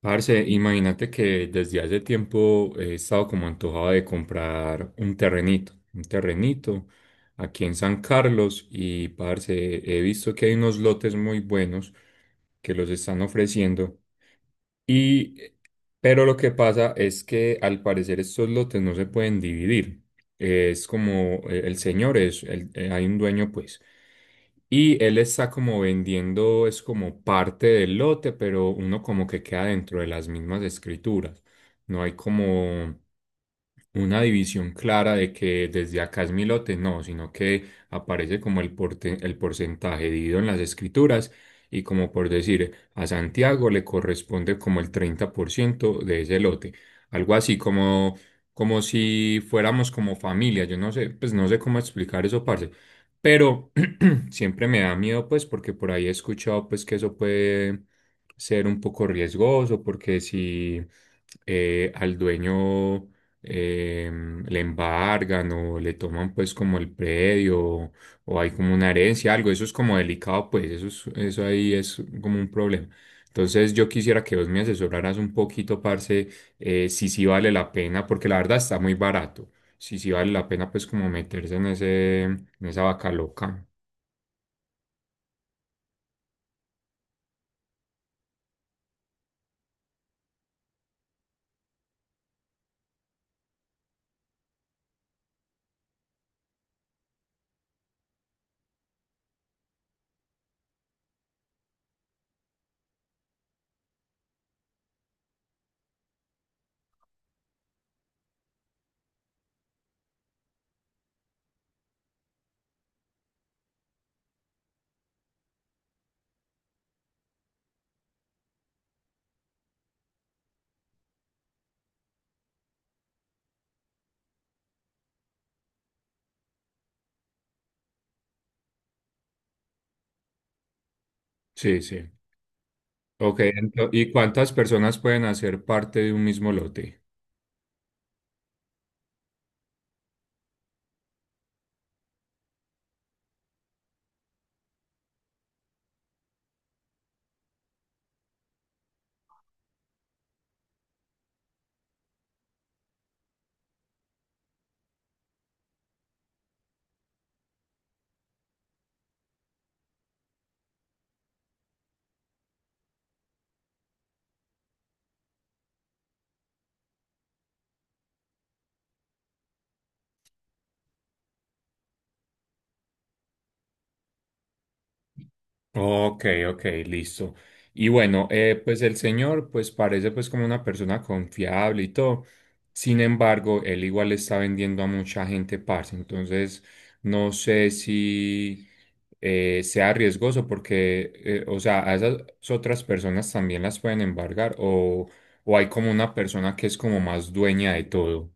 Parce, imagínate que desde hace tiempo he estado como antojado de comprar un terrenito aquí en San Carlos y parce, he visto que hay unos lotes muy buenos que los están ofreciendo y, pero lo que pasa es que al parecer estos lotes no se pueden dividir. Es como el señor es, hay un dueño pues. Y él está como vendiendo, es como parte del lote, pero uno como que queda dentro de las mismas escrituras. No hay como una división clara de que desde acá es mi lote, no, sino que aparece como el, el porcentaje dividido en las escrituras y como por decir, a Santiago le corresponde como el 30% de ese lote. Algo así como, como si fuéramos como familia, yo no sé, pues no sé cómo explicar eso, parce. Pero siempre me da miedo, pues, porque por ahí he escuchado, pues, que eso puede ser un poco riesgoso, porque si al dueño le embargan o le toman, pues, como el predio o hay como una herencia, algo, eso es como delicado, pues, eso ahí es como un problema. Entonces, yo quisiera que vos me asesoraras un poquito, parce, si sí vale la pena, porque la verdad está muy barato. Si sí vale la pena, pues, como meterse en ese, en esa vaca loca. Sí, sí. Ok, ¿y cuántas personas pueden hacer parte de un mismo lote? Ok, ok, listo. Y bueno, pues el señor pues parece pues como una persona confiable y todo. Sin embargo, él igual está vendiendo a mucha gente, parce. Entonces, no sé si sea riesgoso porque, o sea, a esas otras personas también las pueden embargar o hay como una persona que es como más dueña de todo.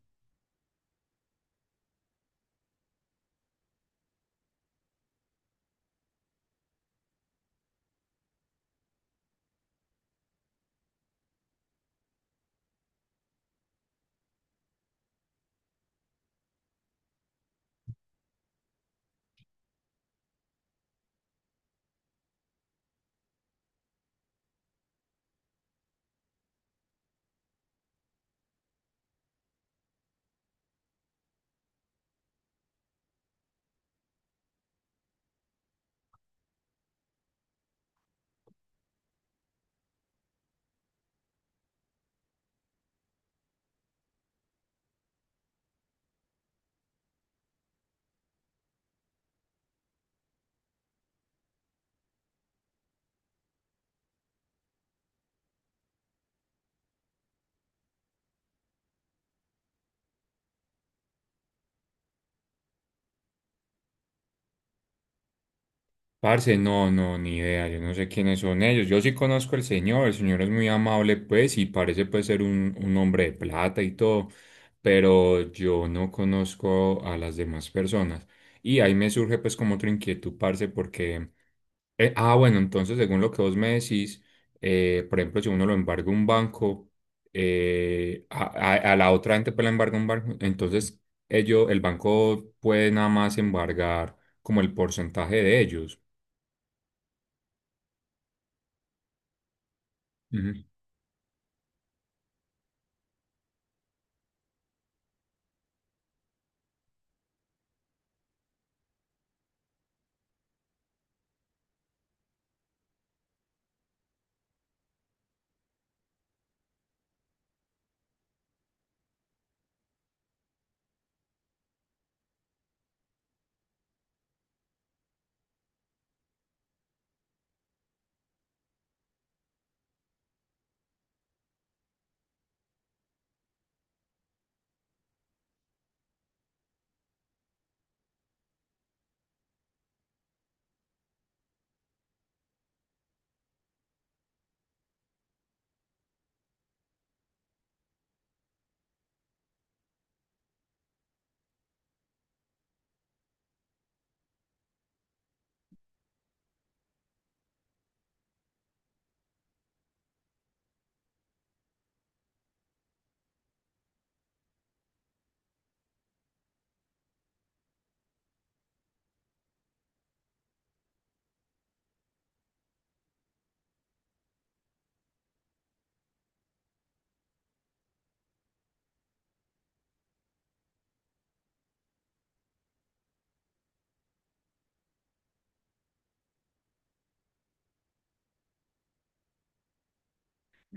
Parce, no, no, ni idea, yo no sé quiénes son ellos. Yo sí conozco al señor, el señor es muy amable, pues, y parece pues ser un hombre de plata y todo, pero yo no conozco a las demás personas. Y ahí me surge pues como otra inquietud, parce, porque, bueno, entonces según lo que vos me decís, por ejemplo, si uno lo embarga un banco, eh, a, a la otra gente pues la embarga un banco, entonces ellos, el banco puede nada más embargar como el porcentaje de ellos.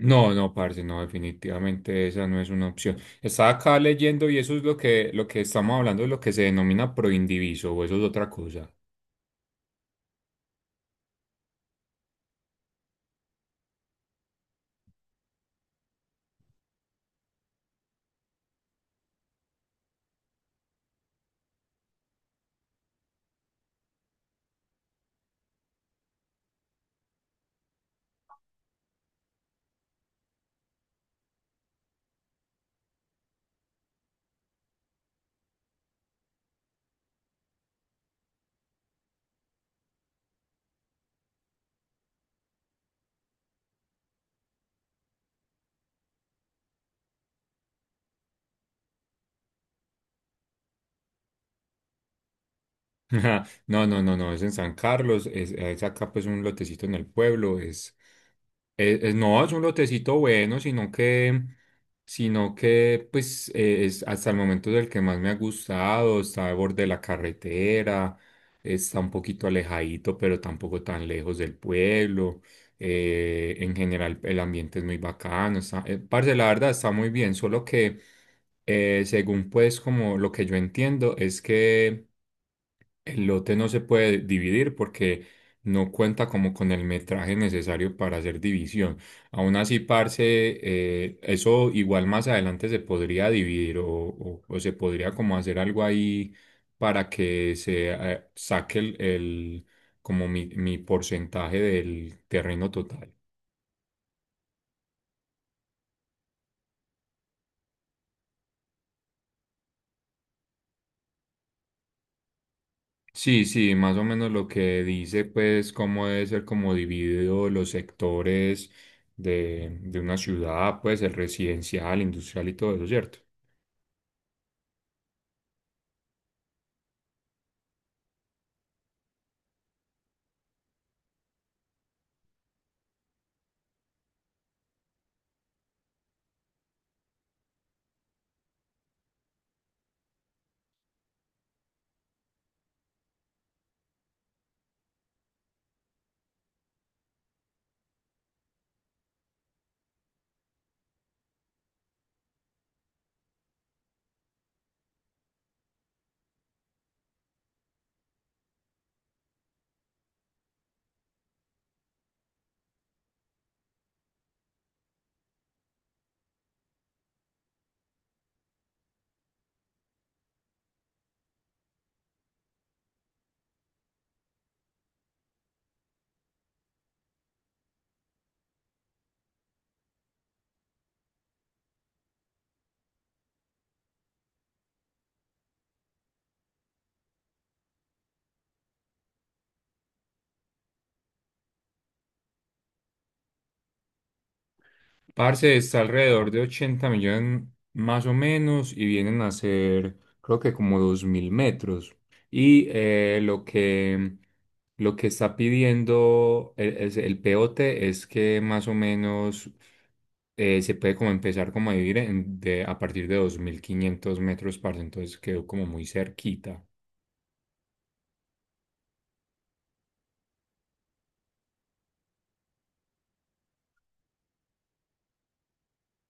No, no, parce, no, definitivamente esa no es una opción. Estaba acá leyendo y eso es lo que estamos hablando, es lo que se denomina proindiviso, o eso es otra cosa. No, no, no, no, es en San Carlos, es acá pues un lotecito en el pueblo, es. No, es un lotecito bueno, sino que, pues, es hasta el momento es el que más me ha gustado. Está al borde de la carretera, está un poquito alejadito, pero tampoco tan lejos del pueblo. En general, el ambiente es muy bacano. Está, parce, la verdad está muy bien, solo que, según pues, como lo que yo entiendo, es que el lote no se puede dividir porque no cuenta como con el metraje necesario para hacer división. Aún así, parce, eso igual más adelante se podría dividir o, o se podría como hacer algo ahí para que se saque el, como mi porcentaje del terreno total. Sí, sí, más o menos lo que dice, pues, cómo debe ser como dividido los sectores de una ciudad, pues, el residencial, industrial y todo eso, ¿cierto? Parce, está alrededor de 80 millones más o menos y vienen a ser, creo que como 2000 metros. Y lo que está pidiendo el, el POT es que más o menos se puede como empezar como a vivir de, a partir de 2500 metros, parce. Entonces quedó como muy cerquita.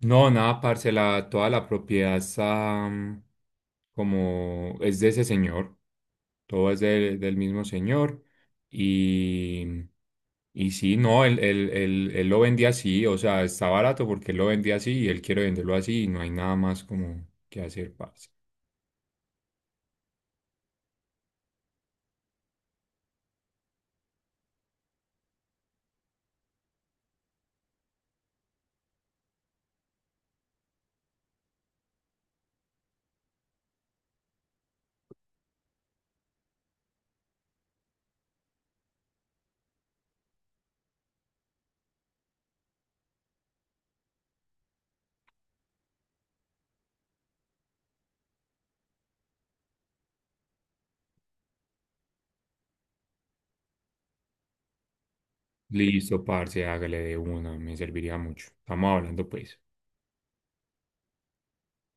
No, nada, parce, toda la propiedad está mm, como es de ese señor. Todo es del, del mismo señor. Y, y sí, no, él lo vendía así, o sea, está barato porque él lo vendía así y él quiere venderlo así y no hay nada más como que hacer, parce. Listo, parce, hágale de una, me serviría mucho. Estamos hablando, pues.